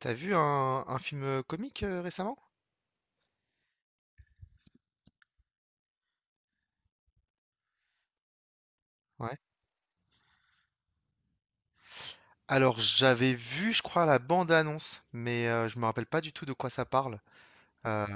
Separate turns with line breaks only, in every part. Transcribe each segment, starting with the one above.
T'as vu un film comique récemment? Ouais. Alors j'avais vu, je crois, la bande-annonce, mais je me rappelle pas du tout de quoi ça parle. Euh,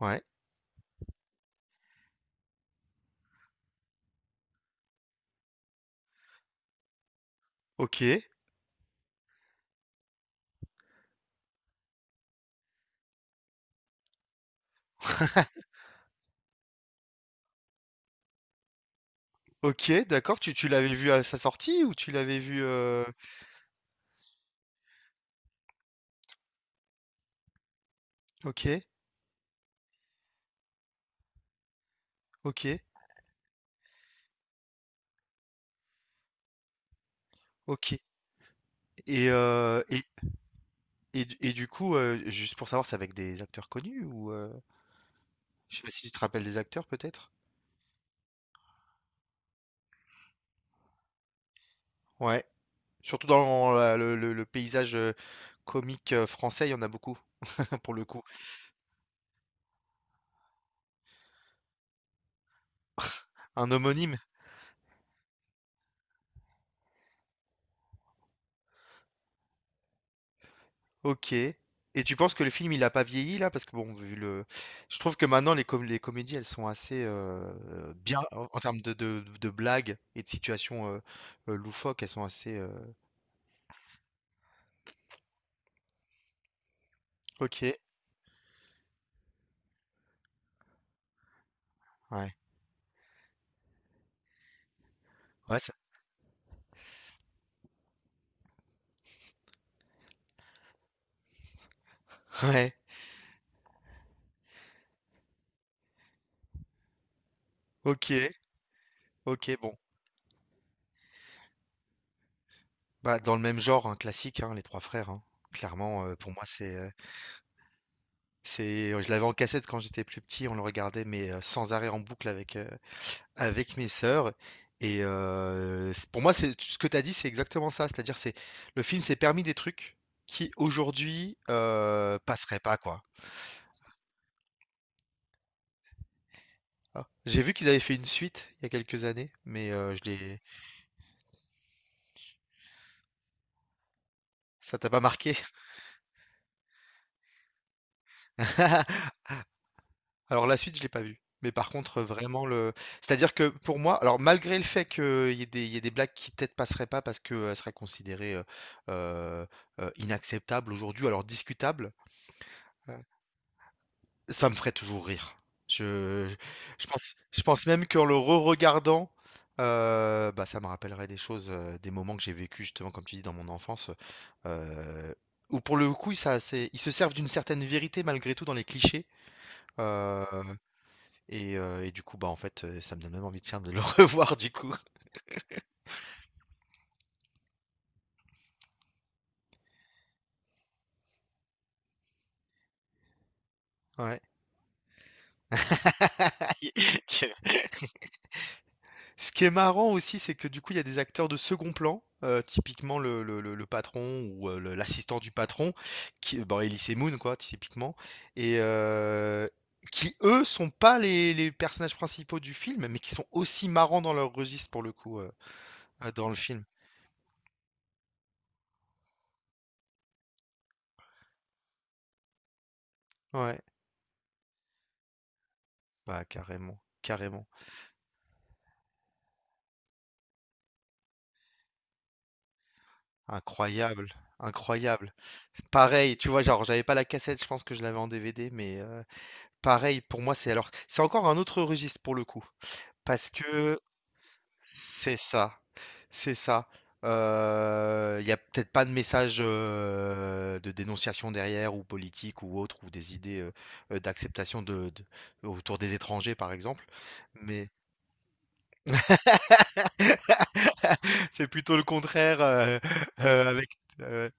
ouais. Ok. Ok, d'accord. Tu l'avais vu à sa sortie ou tu l'avais vu Ok, ok, ok. Et, euh, et, et du coup, juste pour savoir, c'est avec des acteurs connus ou je sais pas si tu te rappelles des acteurs peut-être? Ouais. Surtout dans le paysage comique français, il y en a beaucoup, pour le coup. Un homonyme? OK. Et tu penses que le film, il a pas vieilli là? Parce que bon, vu le je trouve que maintenant les comédies, elles sont assez, bien en termes de blagues et de situations, loufoques, elles sont assez, OK, ouais. Ouais, ça ouais, OK, OK, bon. Bah, dans le même genre, hein, classique, hein, Les 3 frères, hein. Clairement, pour moi, c'est je l'avais en cassette quand j'étais plus petit, on le regardait, mais, sans arrêt en boucle avec, avec mes sœurs et c pour moi, c'est ce que tu as dit, c'est exactement ça. C'est-à-dire, c'est le film s'est permis des trucs qui aujourd'hui, passeraient pas, quoi. Ah, j'ai vu qu'ils avaient fait une suite il y a quelques années, mais je l'ai ça t'a pas marqué? Alors la suite, je l'ai pas vue, mais par contre, vraiment le c'est-à-dire que pour moi alors malgré le fait qu'il y ait des blagues qui peut-être passeraient pas parce qu'elles seraient considérées, heu inacceptables aujourd'hui, alors discutables. Ça me ferait toujours rire. Je je pense même qu'en le re-regardant, bah, ça me rappellerait des choses, des moments que j'ai vécu justement comme tu dis dans mon enfance, où pour le coup, ça c'est ils se servent d'une certaine vérité malgré tout dans les clichés, heu et du coup, bah, en fait, ça me donne même envie de, tiens, de le revoir du coup. Ouais. Ce qui est marrant aussi, c'est que du coup, il y a des acteurs de second plan, typiquement le patron ou, le l'assistant du patron qui bon, Elie Moon, quoi, typiquement et qui eux sont pas les personnages principaux du film, mais qui sont aussi marrants dans leur registre pour le coup, dans le film. Ouais, bah, carrément, carrément. Incroyable, incroyable. Pareil, tu vois, genre, j'avais pas la cassette, je pense que je l'avais en DVD, mais pareil pour moi, c'est alors c'est encore un autre registre pour le coup. Parce que C'est ça, c'est ça. Il n'y a peut-être pas de message de dénonciation derrière, ou politique, ou autre, ou des idées d'acceptation de, autour des étrangers, par exemple. Mais c'est plutôt le contraire. Euh, avec, euh,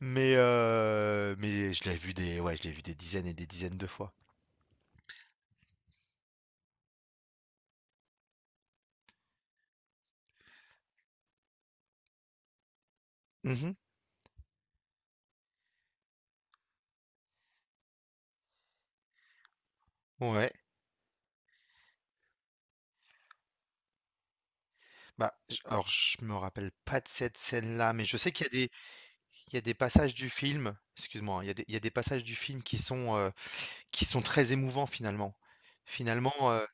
mais je l'ai vu des, ouais, je l'ai vu des dizaines et des dizaines de fois. Mhm. Ouais. Bah, alors je me rappelle pas de cette scène-là, mais je sais qu'il y a des, il y a des passages du film, excuse-moi, hein, il y a des passages du film qui sont très émouvants finalement. Finalement,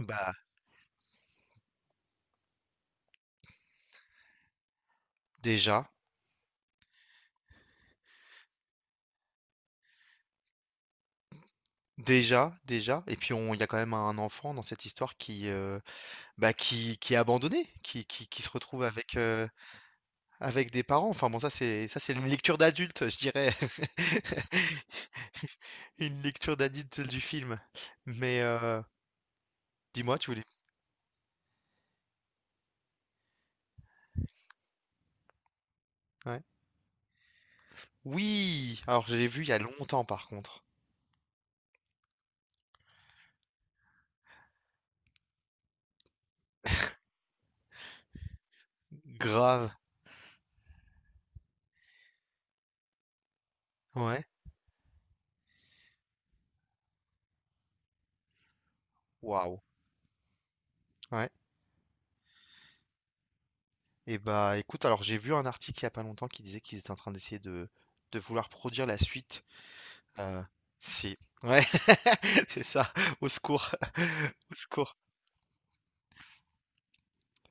bah déjà, déjà, déjà, et puis il y a quand même un enfant dans cette histoire qui, bah, qui est abandonné, qui se retrouve avec des parents. Enfin bon, ça c'est une lecture d'adulte, je dirais. Une lecture d'adulte du film. Mais dis-moi, tu voulais. Ouais. Oui, alors je l'ai vu il y a longtemps par contre. Grave. Ouais. Waouh. Ouais. Et bah écoute, alors j'ai vu un article il y a pas longtemps qui disait qu'ils étaient en train d'essayer de, vouloir produire la suite. Euh, Si. Ouais, c'est ça. Au secours. Au secours.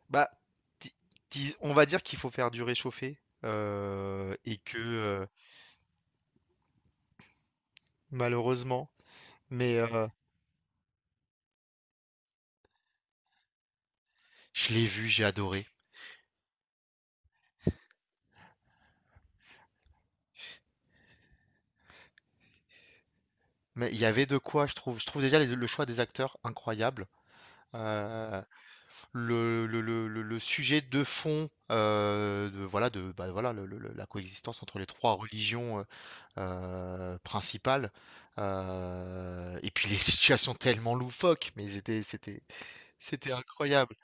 Bah, di- on va dire qu'il faut faire du réchauffé et que malheureusement, mais je l'ai vu, j'ai adoré. Mais il y avait de quoi, je trouve. Je trouve déjà le choix des acteurs incroyable. Euh, le sujet de fond de, voilà, bah, voilà, la coexistence entre les trois religions principales, et puis les situations tellement loufoques, mais c'était incroyable.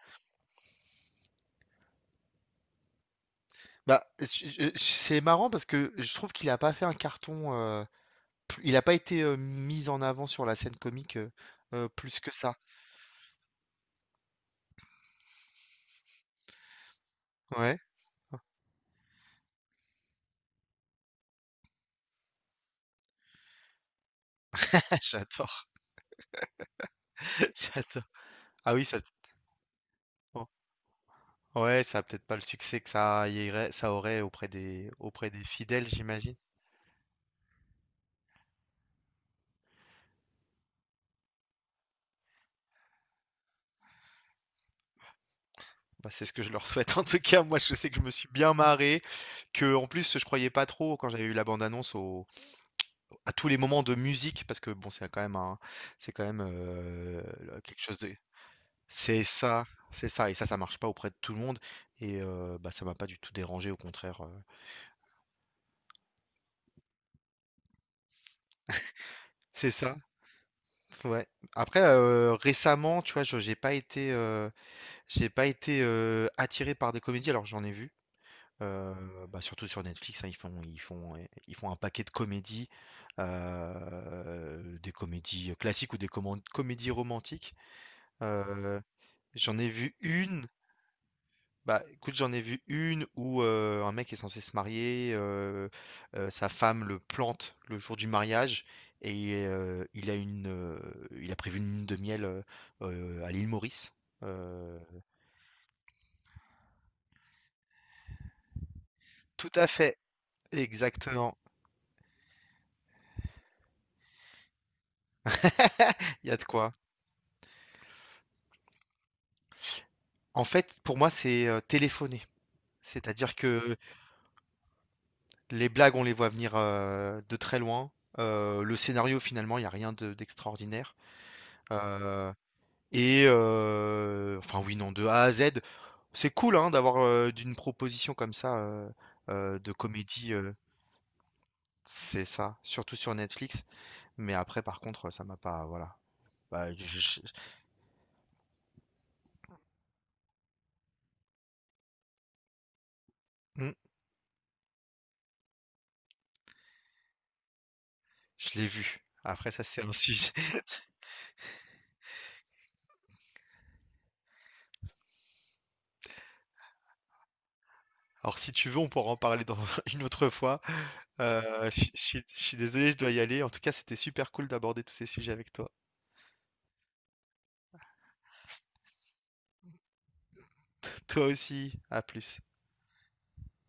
Bah, c'est marrant parce que je trouve qu'il n'a pas fait un carton, il n'a pas été mis en avant sur la scène comique plus que ça. Ouais, j'adore, j'adore. Ah oui, ça. Ouais, ça a peut-être pas le succès que ça aurait auprès des fidèles, j'imagine. Bah, c'est ce que je leur souhaite. En tout cas, moi, je sais que je me suis bien marré, que en plus, je croyais pas trop quand j'avais eu la bande-annonce à tous les moments de musique, parce que bon, c'est quand même c'est quand même euh, quelque chose de. C'est ça, c'est ça, et ça, ça marche pas auprès de tout le monde, et bah, ça m'a pas du tout dérangé, au contraire. C'est ça, ouais. Après, récemment, tu vois, j'ai pas été. J'ai pas été attiré par des comédies, alors j'en ai vu. Bah, surtout sur Netflix, hein, ils font un paquet de comédies, des comédies classiques ou des comédies romantiques. Euh, j'en ai vu une, bah écoute, j'en ai vu une où un mec est censé se marier, sa femme le plante le jour du mariage et il a prévu une lune de miel à l'île Maurice. Euh, Tout à fait. Exactement. Il y a de quoi. En fait, pour moi, c'est téléphoné. C'est-à-dire que les blagues, on les voit venir de très loin. Le scénario, finalement, il n'y a rien d'extraordinaire. Euh, et, enfin, oui, non, de A à Z, c'est cool hein, d'une proposition comme ça de comédie. C'est ça, surtout sur Netflix. Mais après, par contre, ça m'a pas. Voilà. Bah, je- hmm, je l'ai vu. Après, ça, c'est un sujet. Alors si tu veux, on pourra en parler dans une autre fois. Heu, je suis désolé, je dois y aller. En tout cas, c'était super cool d'aborder tous ces sujets avec toi. Toi aussi, à plus.